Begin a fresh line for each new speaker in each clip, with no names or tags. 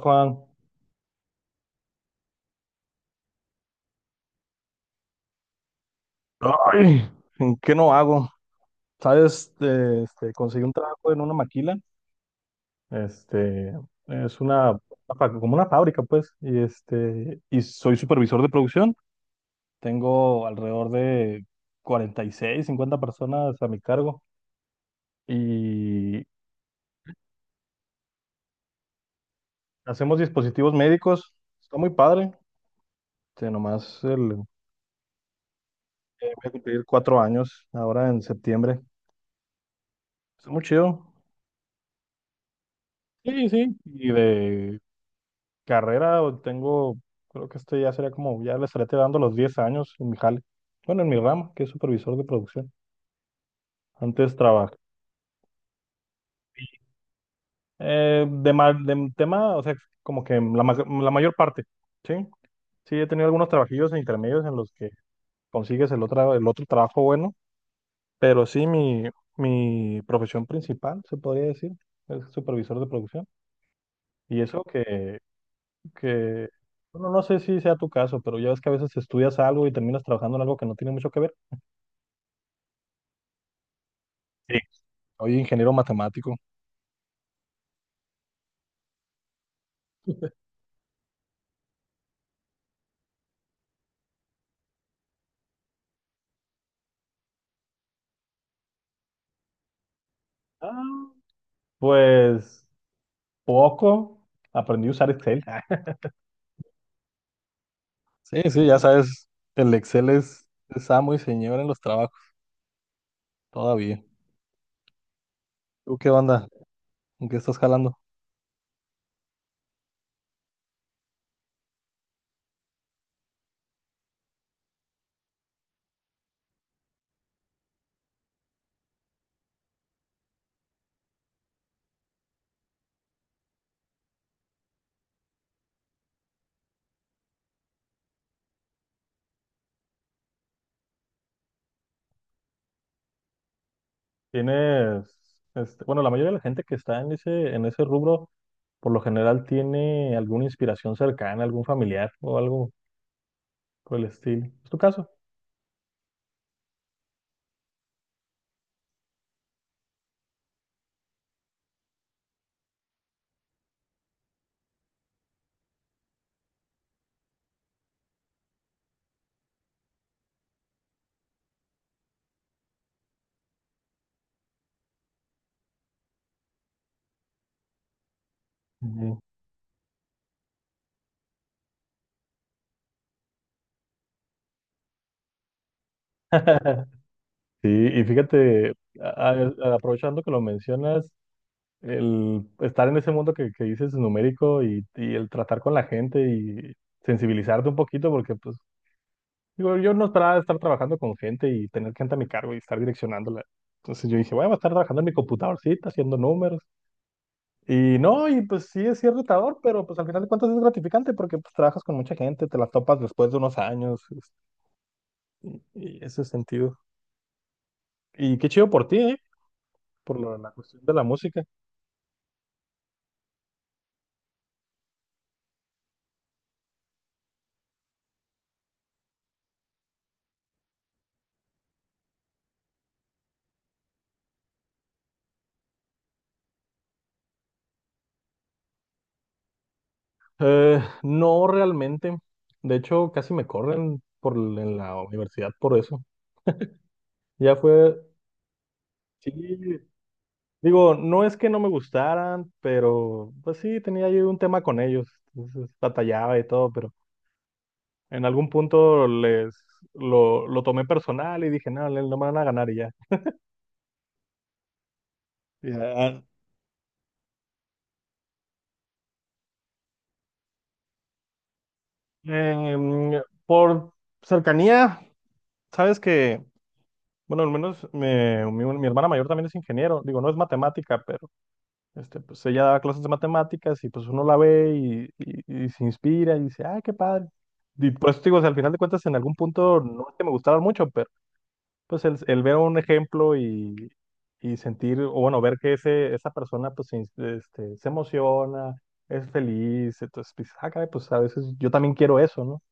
Juan, ay, ¿en qué no hago? ¿Sabes? Conseguí un trabajo en una maquila, este, es una, como una fábrica, pues, y soy supervisor de producción, tengo alrededor de 46, 50 personas a mi cargo, y hacemos dispositivos médicos, está muy padre, nomás voy a cumplir 4 años ahora en septiembre, está muy chido, sí, sí, y de carrera o tengo, creo que ya sería como, ya le estaré dando los 10 años en mi jale. Bueno, en mi rama, que es supervisor de producción. Antes trabajé de, de tema, o sea, como que la mayor parte, ¿sí? Sí, he tenido algunos trabajillos intermedios en los que consigues el otro trabajo bueno, pero sí, mi profesión principal, se podría decir, es supervisor de producción. Y eso que, bueno, no sé si sea tu caso, pero ya ves que a veces estudias algo y terminas trabajando en algo que no tiene mucho que ver. Sí. Oye, ingeniero matemático. Ah, Pues poco. Aprendí a usar Excel. Ah, sí, sí, ya sabes, el Excel es amo y señor en los trabajos, todavía. ¿Tú qué onda? ¿En qué estás jalando? Tienes, este, bueno, la mayoría de la gente que está en ese rubro, por lo general tiene alguna inspiración cercana, algún familiar o algo por el estilo. ¿Es tu caso? Ujú. Sí, y fíjate, aprovechando que lo mencionas, el estar en ese mundo que dices numérico y el tratar con la gente y sensibilizarte un poquito, porque pues digo, yo no esperaba estar trabajando con gente y tener gente a mi cargo y estar direccionándola. Entonces yo dije, bueno, voy a estar trabajando en mi computadorcita, haciendo números. Y no, y pues sí, es cierto retador, pero pues al final de cuentas es gratificante porque pues trabajas con mucha gente, te las topas después de unos años y, y ese sentido. Y qué chido por ti, ¿eh? Por la cuestión de la música. No realmente. De hecho, casi me corren en la universidad por eso. Ya fue, sí, digo, no es que no me gustaran, pero pues sí, tenía ahí un tema con ellos. Entonces, batallaba y todo, pero en algún punto lo tomé personal y dije, no, no me van a ganar y ya. Ya, por cercanía, sabes que, bueno, al menos mi hermana mayor también es ingeniero. Digo, no es matemática, este, pues ella daba clases de matemáticas y pues uno la ve y se inspira y dice, ay, qué padre. Y por eso te digo, o sea, al final de cuentas, en algún punto no es que me gustara mucho, pero pues el ver un ejemplo y sentir, o bueno, ver que esa persona pues se emociona, es feliz, entonces pues, ah, caray, pues a veces yo también quiero eso, ¿no?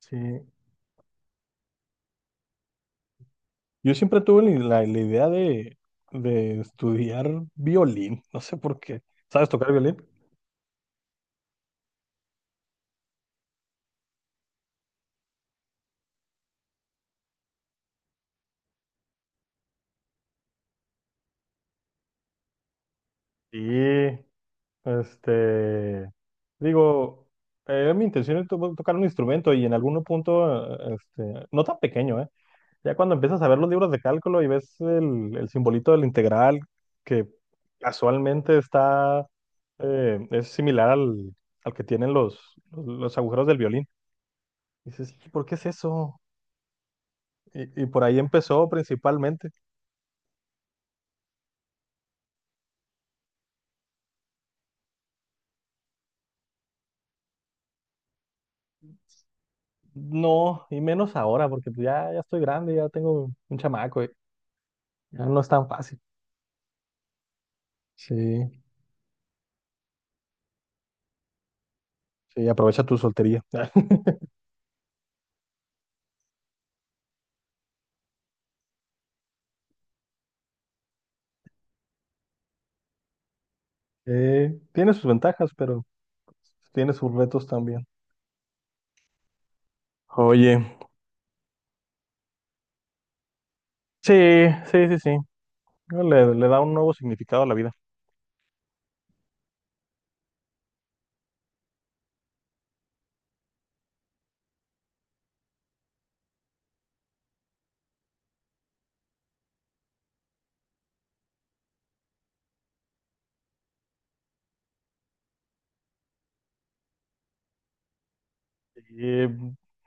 Sí. Yo siempre tuve la idea de estudiar violín, no sé por qué. ¿Sabes tocar violín? Sí. Este, digo, era mi intención era tocar un instrumento y en algún punto, no tan pequeño, ¿eh? Ya cuando empiezas a ver los libros de cálculo y ves el simbolito del integral, que casualmente está, es similar al, al que tienen los agujeros del violín. Dices, "¿Y por qué es eso?" Y por ahí empezó principalmente. No, y menos ahora, porque pues ya, ya estoy grande, ya tengo un chamaco, y ya no es tan fácil. Sí. Sí, aprovecha tu soltería. Tiene sus ventajas, pero tiene sus retos también. Oye, sí, sí, sí, sí. Le da un nuevo significado a la vida. Y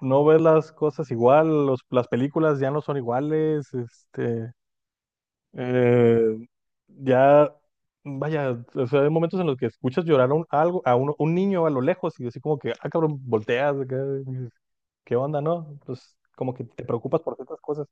no ves las cosas igual, las películas ya no son iguales, eh, ya, vaya, o sea, hay momentos en los que escuchas llorar a un niño a lo lejos y así como que, ah, cabrón, volteas, acá, y dices, ¿qué onda, no? Pues como que te preocupas por ciertas cosas.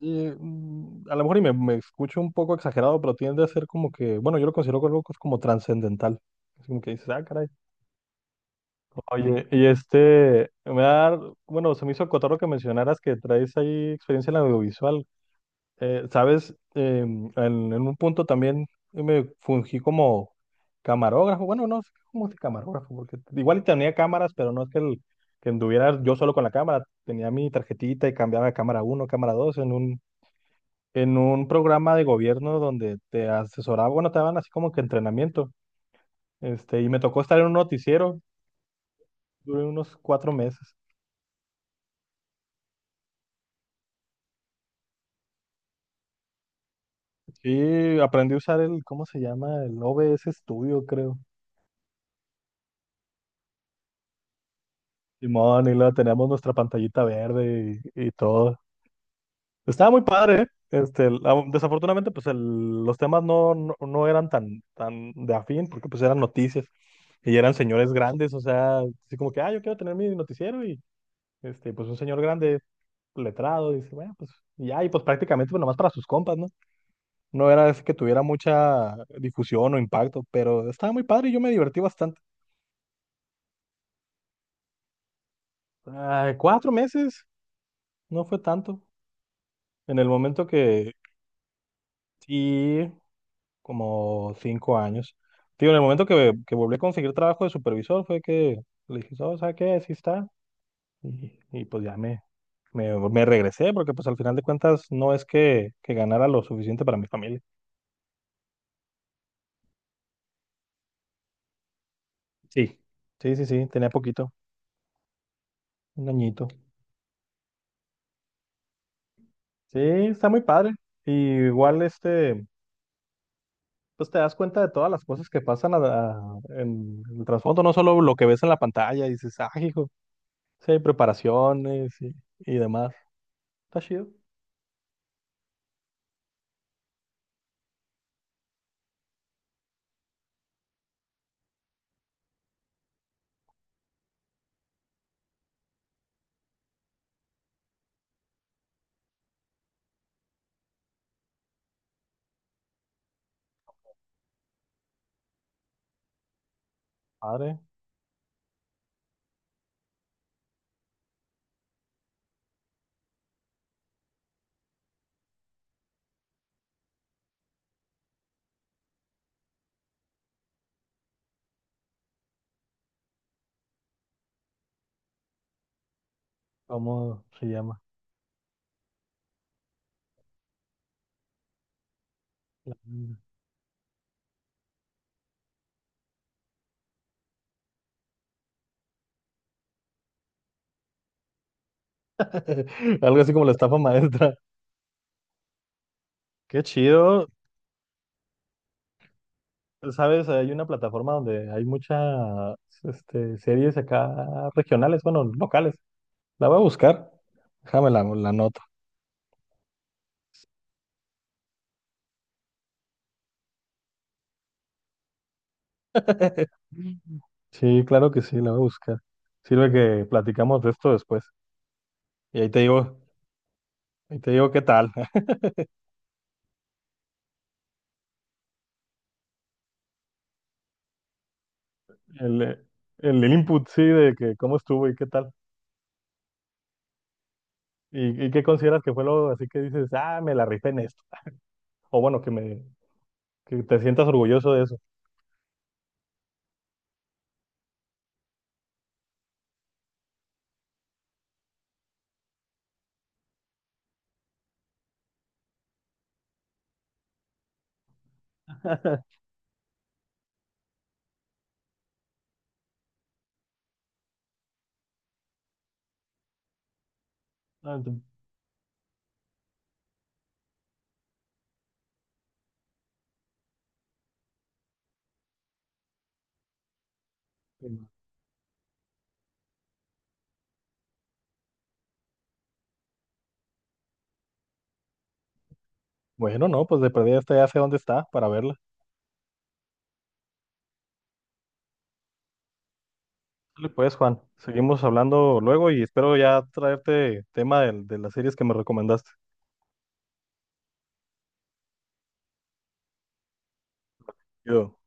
Y, a lo mejor me escucho un poco exagerado, pero tiende a ser como que, bueno, yo lo considero algo como trascendental. Es como que dices, ah, caray. Oye, y este, me da, bueno, se me hizo cotorro que mencionaras que traes ahí experiencia en audiovisual. Sabes, en un punto también me fungí como camarógrafo. Bueno, no sé cómo es camarógrafo, porque igual y tenía cámaras, pero no es que anduviera yo solo con la cámara. Tenía mi tarjetita y cambiaba de cámara uno cámara 2 en un programa de gobierno donde te asesoraba, bueno, te daban así como que entrenamiento, y me tocó estar en un noticiero, duré unos 4 meses. Sí, aprendí a usar el, ¿cómo se llama? El OBS Studio, creo. Simón, y luego teníamos nuestra pantallita verde y todo. Estaba muy padre, ¿eh? Este, desafortunadamente, pues los temas no, no, no eran tan, tan de afín, porque pues eran noticias y eran señores grandes, o sea, así como que, ah, yo quiero tener mi noticiero y, este, pues un señor grande letrado, dice, bueno, pues y ya, y pues prácticamente pues, nomás para sus compas, ¿no? No era así que tuviera mucha difusión o impacto, pero estaba muy padre y yo me divertí bastante. Ah, 4 meses, no fue tanto. En el momento que, sí, como 5 años. Digo, en el momento que volví a conseguir trabajo de supervisor fue que le dije, oh, ¿sabes qué? Así está. Y pues ya me regresé, porque pues al final de cuentas no es que ganara lo suficiente para mi familia. Sí. Sí, sí, sí, tenía poquito. Un añito. Sí, está muy padre. Y igual este, pues te das cuenta de todas las cosas que pasan en el trasfondo, no solo lo que ves en la pantalla y dices, ah, hijo, sí hay preparaciones y demás. Está chido. Padre, ¿cómo se llama? La Banda. Algo así como la estafa maestra. Qué chido. Sabes, hay una plataforma donde hay muchas series acá regionales, bueno, locales. La voy a buscar. Déjame la, la Sí, claro que sí, la voy a buscar. Sirve que platicamos de esto después. Y ahí te digo qué tal. El, eh, el input, sí, de que cómo estuvo y qué tal. Y qué consideras que fue lo así que dices, ah, me la rifé en esto. O bueno, que te sientas orgulloso de eso. Ah, ent- Bueno, no, pues de perdida esta ya sé dónde está para verla. Dale, pues Juan, seguimos hablando luego y espero ya traerte tema de las series que me recomendaste. Yo.